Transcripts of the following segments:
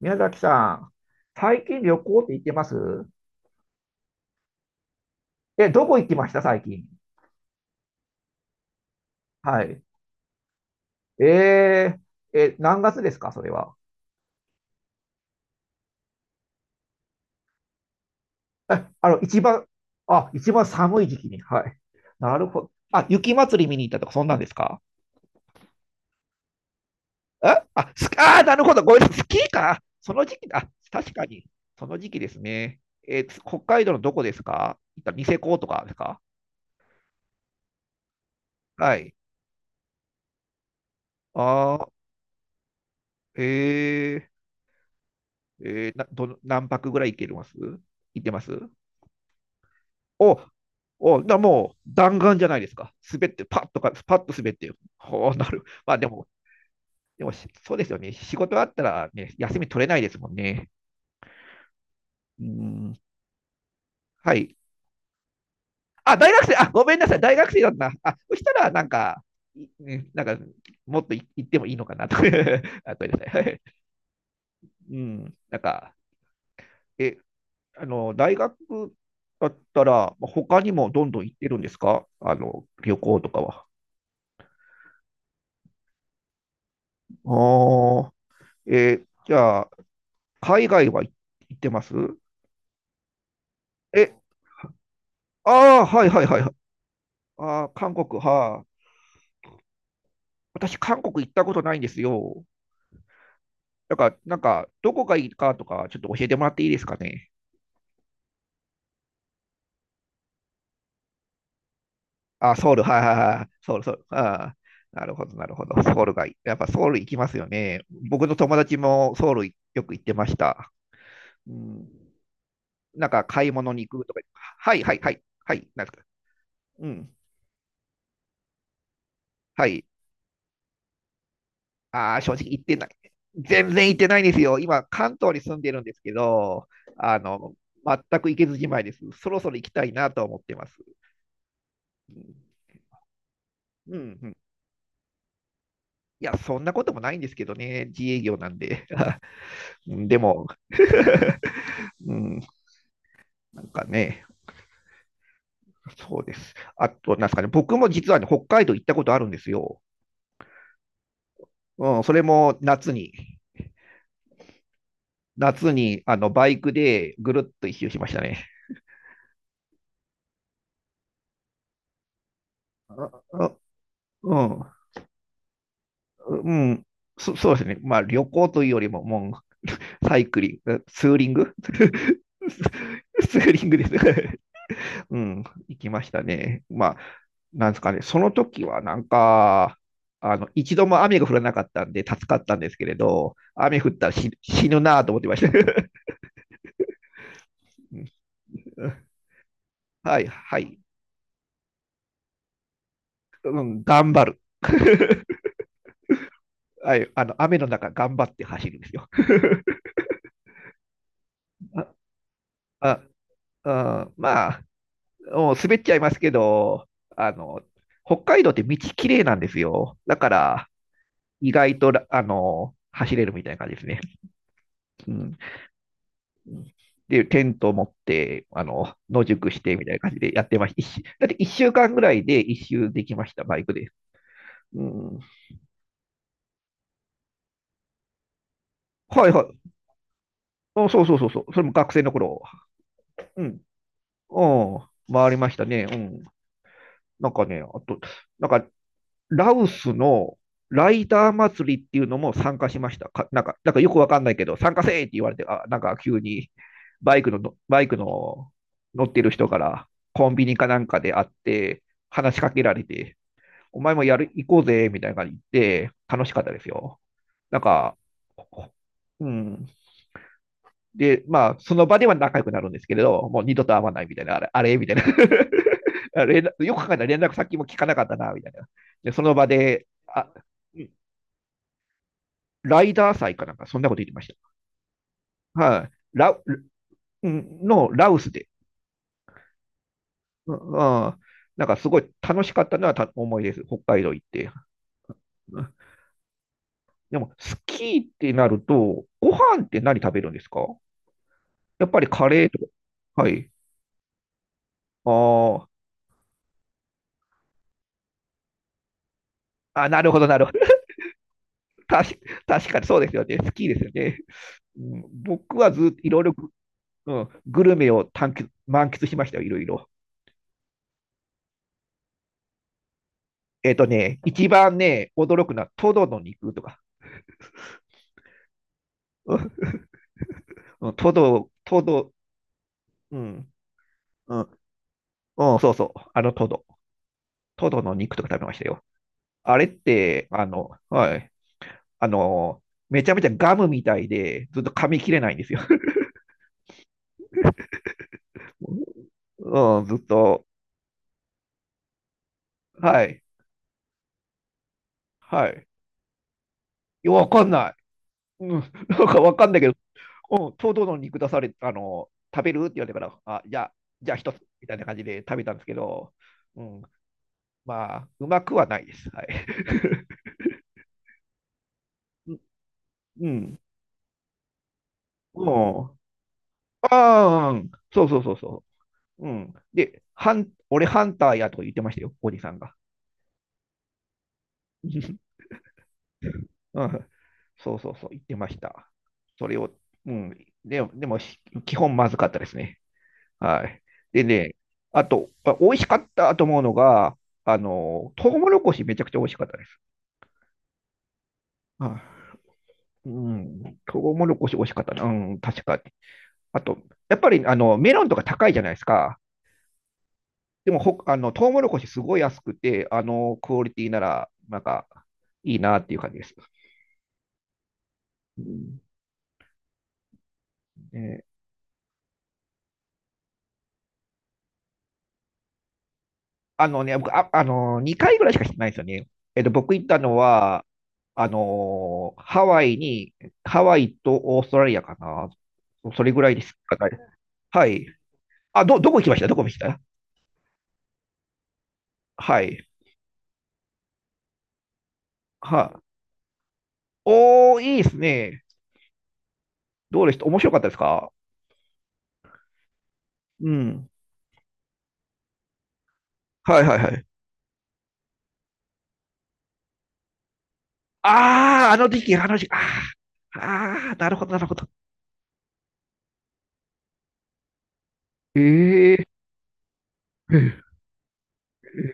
宮崎さん、最近旅行って行ってます？え、どこ行きました最近。はい。え何月ですかそれは。え、あの、一番、あ、一番寒い時期に。はい。なるほど。あ、雪祭り見に行ったとか、そんなんですか？えあ、スあー、なるほど。ごめんなさい。スキーか。その時期だ。確かに。その時期ですね。えー北海道のどこですか？行ったニセコとかですか？はい。あー、えー、えーな、どの、何泊ぐらい行けます？行ってます？お、お、だもう弾丸じゃないですか。滑って、パッとか、パッと滑って、ほうなる。まあでも、でもしそうですよね。仕事あったら、ね、休み取れないですもんね。うん。はい。あ、大学生、あ、ごめんなさい。大学生だった。あ、そしたら、いねなんか、もっとい言ってもいいのかなと。あ、ごめんなさい。はい。うん。なんか、え、あの、大学だったら、まあ他にもどんどん行ってるんですか？旅行とかは。ああ、えーじゃあ、海外は行ってます？え、ああ、はいはいはいはい。ああ、韓国、はあ。私、韓国行ったことないんですよ。だから、なんか、どこがいいかとか、ちょっと教えてもらっていいですかね。あ、ソウル、はいはいはい。ソウル、ソウル。ああ、なるほど、なるほど。ソウルがいい。やっぱソウル行きますよね。僕の友達もソウルよく行ってました。うん、買い物に行くとか。はいはいはい。はい、なんですか。うん。はい。ああ、正直行ってない。全然行ってないんですよ。今、関東に住んでるんですけど、あの、全く行けずじまいです。そろそろ行きたいなと思ってます。うん、うんうん。いや、そんなこともないんですけどね。自営業なんで。でも、うん、なんかね、そうです。あと、なんですかね、僕も実はね、北海道行ったことあるんですよ。うん、それも夏に、夏に、バイクでぐるっと一周しましたね。ああうん、うん、そうですね。まあ、旅行というよりも、もサイクリング、ツーリング ツーリングです うん、行きましたね。まあ、なんですかね、その時はなんか、一度も雨が降らなかったんで助かったんですけれど、雨降ったら死ぬなぁと思ってました。はい、はい、うん、頑張る。はい、雨の中頑張って走るんですよ。あ、あ、うん、まあ、もう滑っちゃいますけど、あの、北海道って道きれいなんですよ。だから、意外と走れるみたいな感じですね。うん、で、テントを持って、野宿してみたいな感じでやってました。だって1週間ぐらいで一周できました、バイクで。うん、はいはい。あそうそうそうそう。それも学生の頃。うん。うん。回りましたね。うん。なんかね、あと、なんかラオスのライター祭りっていうのも参加しました。かなんか、なんかよくわかんないけど、参加せーって言われて、あ、なんか急にバイクの乗ってる人からコンビニかなんかで会って、話しかけられて、お前もやる、行こうぜ、みたいな感じで、楽しかったですよ。なんか、うん、で、まあ、その場では仲良くなるんですけれど、もう二度と会わないみたいな、あれ、あれみたいな あ連絡よく考えたら連絡先も聞かなかったな、みたいな。で、その場で、あ、ライダー祭かなんか、そんなこと言ってました。はい、あラウ、のラウスで。うんうんなんかすごい楽しかったのはた思いです。北海道行って。うんでも、スキーってなると、ご飯って何食べるんですか？やっぱりカレーとか。はい。ああ、なるほど、なるほど。確確かにそうですよね。スキーですよね。うん、僕はずっといろいろ、うん、グルメを探求満喫しましたよ、いろいろ。えっ、ーとね、一番ね、驚くのはトドの肉とか、うん、トド、トド、うん、うん、うん、そうそう、あのトド、トドの肉とか食べましたよ。あれって、はい、あの、めちゃめちゃガムみたいで、ずっと噛み切れないんですよ。うん、ずっと、はい、はい。わかんない。うん、なんかわかんないけど、うん、ちょうどの肉出され、食べるって言われたから、あ、じゃあ、じゃあ一つみたいな感じで食べたんですけど、うん、まあ、うまくはないです。はい。ううん、もうああ、うんそうそうそうそう。うん。で、ハン、俺ハンターやとか言ってましたよ、おじさんが。うん、そうそうそう、言ってました。それを、うん、でも、でも、し基本まずかったですね。はい。でね、あと、あ美味しかったと思うのが、トウモロコシめちゃくちゃ美味しかったです。はい。うん、トウモロコシ美味しかったな。うん、確かに。あと、やっぱりあのメロンとか高いじゃないですか。でもほ、トウモロコシすごい安くて、クオリティなら、なんか、いいなっていう感じです。うんねあのね、僕、あ、2回ぐらいしかしてないんですよね。えっと、僕行ったのは、ハワイに、ハワイとオーストラリアかな。それぐらいですかね。はい。あ、ど、どこ行きました？どこ行きました？はい。は、おー、いいですね。どうでした？面白かったですか？うん。はいはいはい。あー、あの時期、あの時期、あー、ああなるほど、なるほど。えー、えー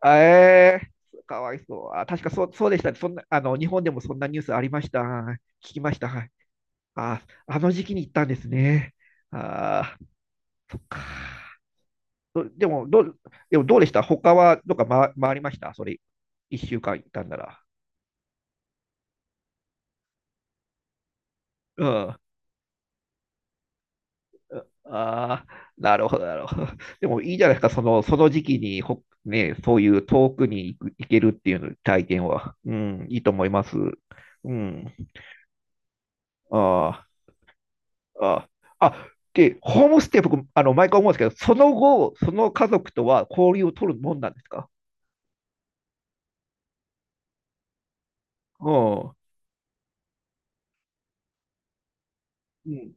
あえー、かわいそう。あ、確かそう、そうでした。そんな、日本でもそんなニュースありました。聞きました。はい。あ、あの時期に行ったんですね。あー、どでも、どう、でもどうでした他は、どっか回、回りましたそれ、一週間行ったんなら。うん。ああ、なるほど、なるほど。でもいいじゃないですか、その、その時期にほ、ね、そういう遠くに行く、行けるっていう体験は。うん、いいと思います。うん。ああ。ああ、で、ホームステイ、僕、毎回思うんですけど、その後、その家族とは交流を取るもんなんですか？うん。うん。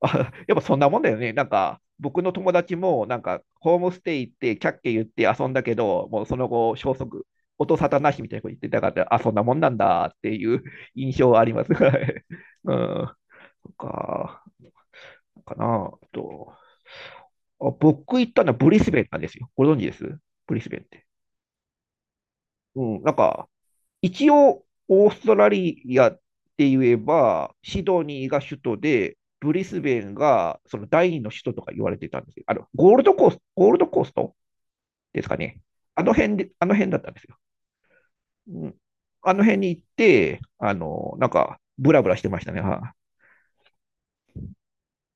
あ、やっぱそんなもんだよね。なんか、僕の友達も、なんか、ホームステイ行って、キャッキャ言って遊んだけど、もうその後、消息、音沙汰なしみたいなこと言ってたから、あ、そんなもんなんだっていう 印象はあります。はい。うん。そっか、かな。あと、あ、僕行ったのはブリスベンなんですよ。ご存知です？ブリスベンって。うん。なんか、一応、オーストラリアって言えば、シドニーが首都で、ブリスベンがその第二の首都とか言われてたんですけど、ゴールドコース、ゴールドコーストですかね。あの辺で、あの辺だったんですよ。うん。あの辺に行って、なんか、ブラブラしてましたね。は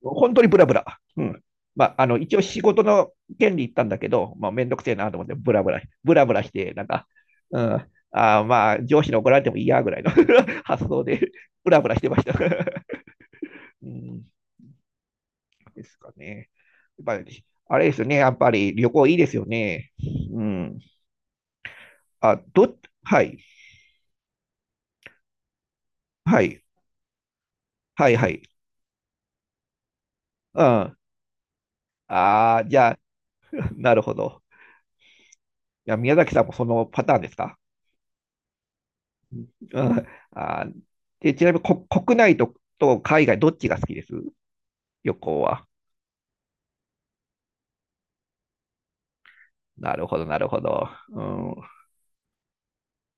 本当にブラブラ。うん。まあ、一応仕事の権利行ったんだけど、まあ、めんどくせえなと思って、ブラブラ、ブラブラして、なんか、うん、あまあ、上司に怒られてもいいやぐらいの 発想で、ブラブラしてました。うん、ですかね。やっぱり、あれですよね、やっぱり旅行いいですよね。うん。あ、ど、はい、はい、はい、はい。うん。ああ、じゃあ、なるほど。いや、宮崎さんもそのパターンですか？うんあで、ちなみにこ国内と、と海外、どっちが好きです？旅行は。なるほど、なるほど。うん、